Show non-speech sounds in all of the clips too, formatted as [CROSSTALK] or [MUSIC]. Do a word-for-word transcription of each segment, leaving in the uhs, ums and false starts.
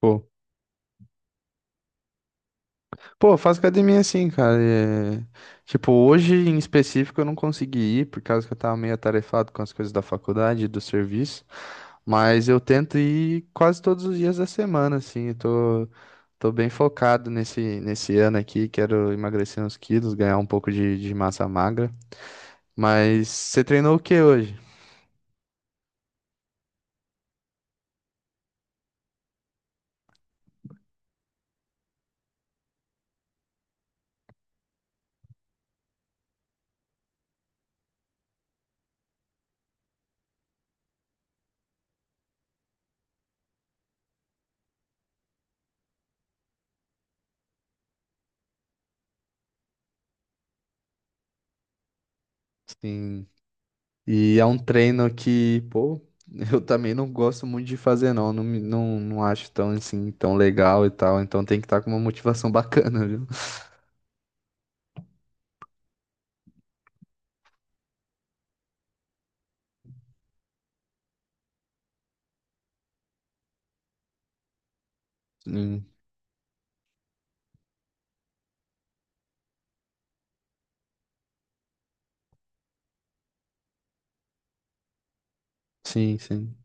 Pô, pô, eu faço academia assim, cara. é, Tipo, hoje em específico eu não consegui ir por causa que eu tava meio atarefado com as coisas da faculdade e do serviço. Mas eu tento ir quase todos os dias da semana, assim. Eu tô, tô bem focado nesse, nesse ano aqui. Quero emagrecer uns quilos, ganhar um pouco de, de massa magra. Mas você treinou o que hoje? Sim. E é um treino que, pô, [LAUGHS] eu também não gosto muito de fazer, não. Não, me- não, não acho tão, assim, tão legal e tal. Então tem que estar com uma motivação [LAUGHS] bacana, viu? Hum. Sim, sim.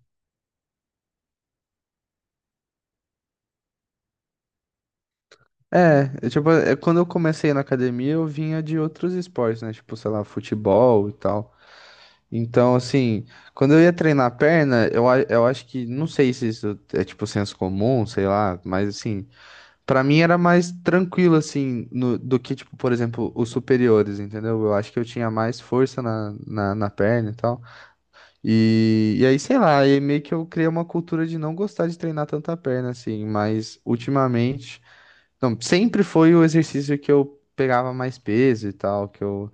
É, eu, tipo, é, quando eu comecei na academia, eu vinha de outros esportes, né? Tipo, sei lá, futebol e tal. Então, assim, quando eu ia treinar a perna, eu, a- eu acho que, não sei se isso é tipo senso comum, sei lá, mas assim, pra mim era mais tranquilo, assim, no- do que, tipo, por exemplo, os superiores, entendeu? Eu acho que eu tinha mais força na, na, na perna e tal. E, e aí, sei lá, aí meio que eu criei uma cultura de não gostar de treinar tanta perna, assim, mas ultimamente. Não, sempre foi o exercício que eu pegava mais peso e tal, que eu,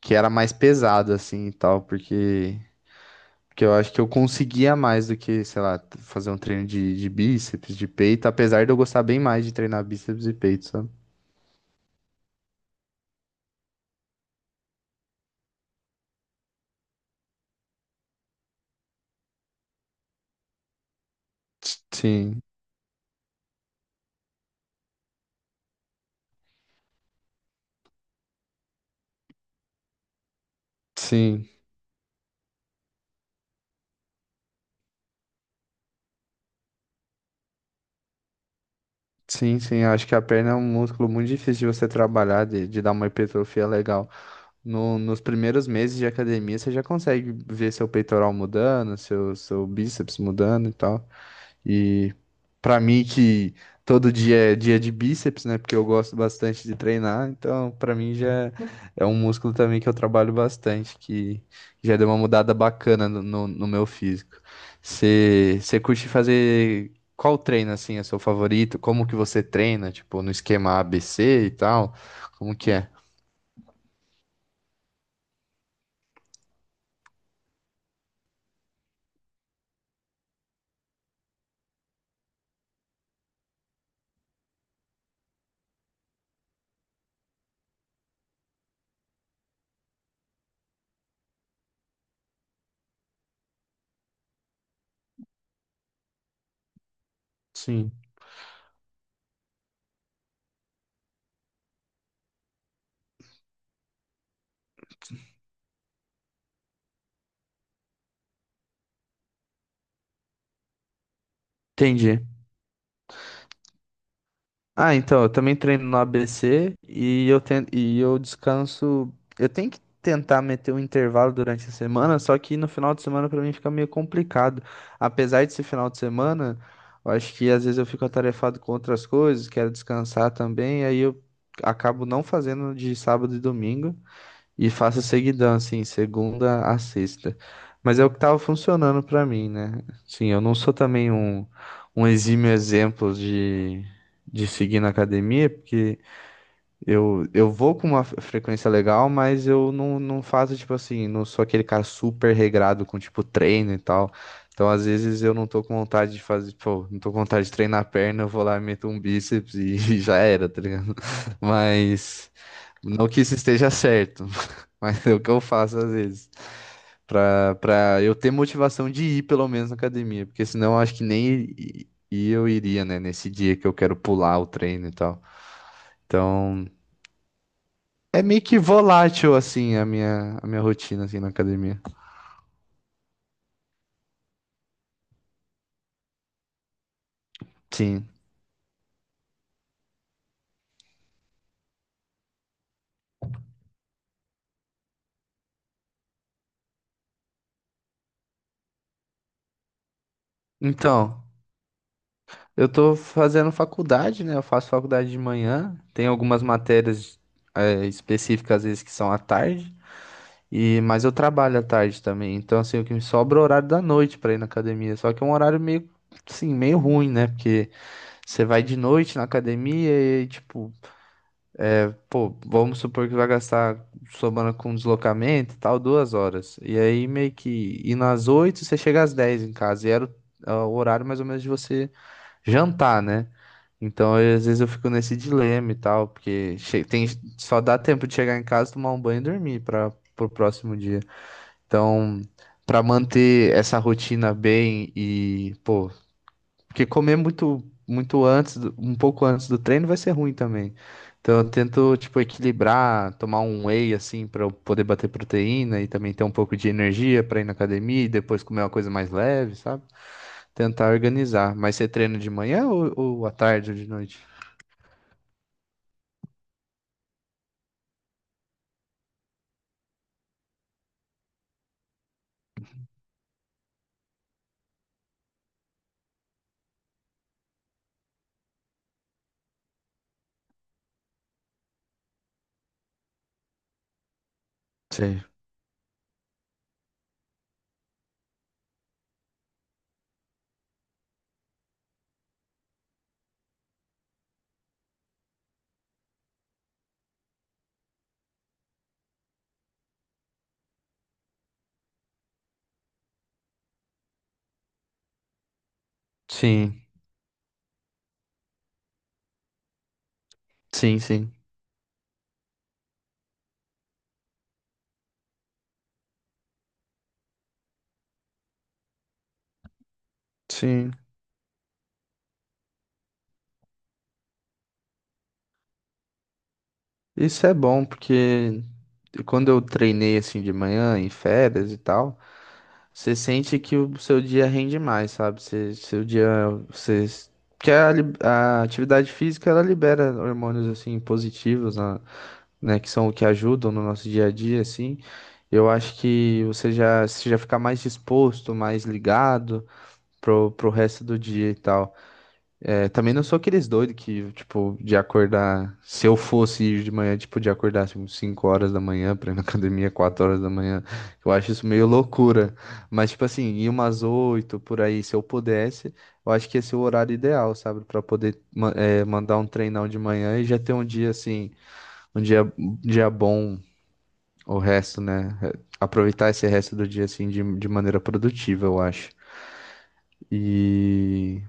que era mais pesado, assim, e tal, porque. Porque eu acho que eu conseguia mais do que, sei lá, fazer um treino de, de bíceps, de peito, apesar de eu gostar bem mais de treinar bíceps e peito, sabe? Sim, sim, sim, sim. Acho que a perna é um músculo muito difícil de você trabalhar, de, de dar uma hipertrofia legal. No, nos primeiros meses de academia, você já consegue ver seu peitoral mudando, seu, seu bíceps mudando e tal. E pra mim que todo dia é dia de bíceps, né? Porque eu gosto bastante de treinar, então pra mim já é um músculo também que eu trabalho bastante, que já deu uma mudada bacana no, no, no meu físico. Você você curte fazer qual treino assim é seu favorito? Como que você treina? Tipo, no esquema A B C e tal? Como que é? Sim. Entendi. Ah, então, eu também treino no A B C e eu, ten- e eu descanso. Eu tenho que tentar meter um intervalo durante a semana, só que no final de semana pra mim fica meio complicado. Apesar desse final de semana, eu acho que às vezes eu fico atarefado com outras coisas, quero descansar também, aí eu acabo não fazendo de sábado e domingo. E faço seguidão, assim, segunda a sexta. Mas é o que tava funcionando pra mim, né? Sim, eu não sou também um, um exímio exemplo de, de seguir na academia, porque eu, eu vou com uma frequência legal, mas eu não, não faço, tipo assim, não sou aquele cara super regrado com, tipo, treino e tal. Então, às vezes, eu não tô com vontade de fazer, pô, não tô com vontade de treinar a perna, eu vou lá e meto um bíceps e, [LAUGHS] e já era, tá ligado? Mas, não que isso esteja certo, [LAUGHS] mas é o que eu faço às vezes. Pra, pra eu ter motivação de ir, pelo menos, na academia, porque senão eu acho que nem i- i- eu iria, né, nesse dia que eu quero pular o treino e tal. Então. É meio que volátil, assim, a minha, a minha rotina, assim, na academia. Sim. Então, eu tô fazendo faculdade, né? Eu faço faculdade de manhã. Tem algumas matérias, é, específicas, às vezes, que são à tarde. E, mas eu trabalho à tarde também. Então, assim, o que me sobra é o horário da noite pra ir na academia. Só que é um horário meio, assim, meio ruim, né? Porque você vai de noite na academia e, tipo, pô, vamos supor que vai gastar, somando com deslocamento e tal, duas horas. E aí meio que ir nas oito, você chega às dez em casa. E era o, é o horário mais ou menos de você jantar, né? Então, aí, às vezes eu fico nesse dilema e tal, porque che- tem, só dá tempo de chegar em casa, tomar um banho e dormir para pro próximo dia. Então, para manter essa rotina bem e, pô, porque comer muito, muito antes, do- um pouco antes do treino vai ser ruim também. Então eu tento, tipo, equilibrar, tomar um whey, assim, para eu poder bater proteína e também ter um pouco de energia para ir na academia e depois comer uma coisa mais leve, sabe? Tentar organizar. Mas você treina de manhã ou, ou à tarde ou de noite? Sei. Sim, sim, sim, sim. Isso é bom, porque quando eu treinei, assim, de manhã, em férias e tal. Você sente que o seu dia rende mais, sabe? Você, seu dia, você, que a, li- a atividade física ela libera hormônios assim positivos, na- né? Que são o que ajudam no nosso dia a dia, assim. Eu acho que você já, você já fica mais disposto, mais ligado pro, pro resto do dia e tal. É, também não sou aqueles doidos que, tipo, de acordar. Se eu fosse ir de manhã, tipo, de acordar tipo, cinco horas da manhã pra ir na [LAUGHS] academia quatro horas da manhã. Eu acho isso meio loucura. Mas, tipo assim, ir umas oito por aí, se eu pudesse, eu acho que esse é o horário ideal, sabe? Pra poder ma- é, mandar um treinão de manhã e já ter um dia, assim, um dia, um dia bom, o resto, né? É, aproveitar esse resto do dia, assim, de, de maneira produtiva, eu acho. E.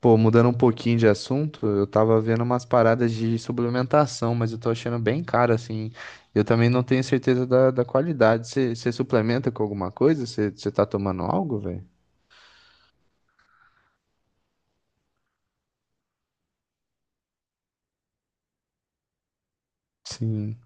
Pô, mudando um pouquinho de assunto, eu tava vendo umas paradas de suplementação, mas eu tô achando bem caro, assim. Eu também não tenho certeza da, da qualidade. Você suplementa com alguma coisa? Você tá tomando algo, velho? Sim,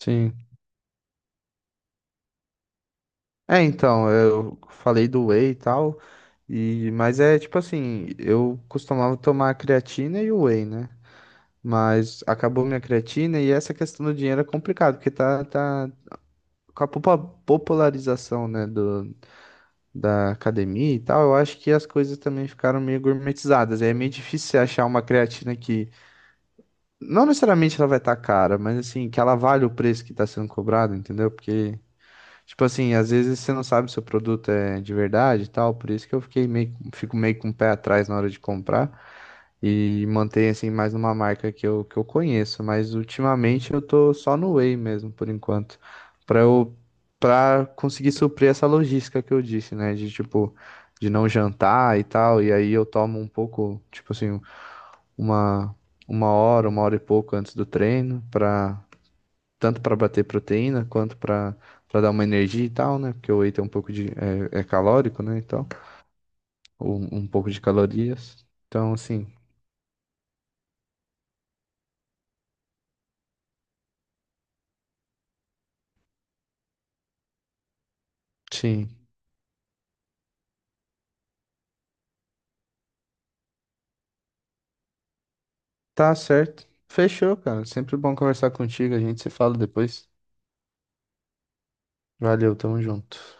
sim. É, então, eu falei do whey e tal, e, mas é tipo assim, eu costumava tomar a creatina e o whey, né? Mas acabou minha creatina e essa questão do dinheiro é complicado, porque tá, tá com a popa- popularização, né, do, da academia e tal, eu acho que as coisas também ficaram meio gourmetizadas. É meio difícil você achar uma creatina que, não necessariamente ela vai estar cara, mas assim, que ela vale o preço que está sendo cobrado, entendeu? Porque, tipo assim, às vezes você não sabe se o produto é de verdade e tal, por isso que eu fiquei meio, fico meio com o pé atrás na hora de comprar e manter assim mais numa marca que eu, que eu conheço, mas ultimamente eu tô só no Whey mesmo por enquanto, para eu para conseguir suprir essa logística que eu disse, né, de tipo de não jantar e tal, e aí eu tomo um pouco, tipo assim, uma uma hora, uma hora e pouco antes do treino, para tanto para bater proteína quanto para para dar uma energia e tal, né? Porque o whey tem um pouco de é, é calórico, né? Então, um, um pouco de calorias. Então, assim, sim. Tá certo. Fechou, cara. Sempre bom conversar contigo. A gente se fala depois. Valeu, tamo junto.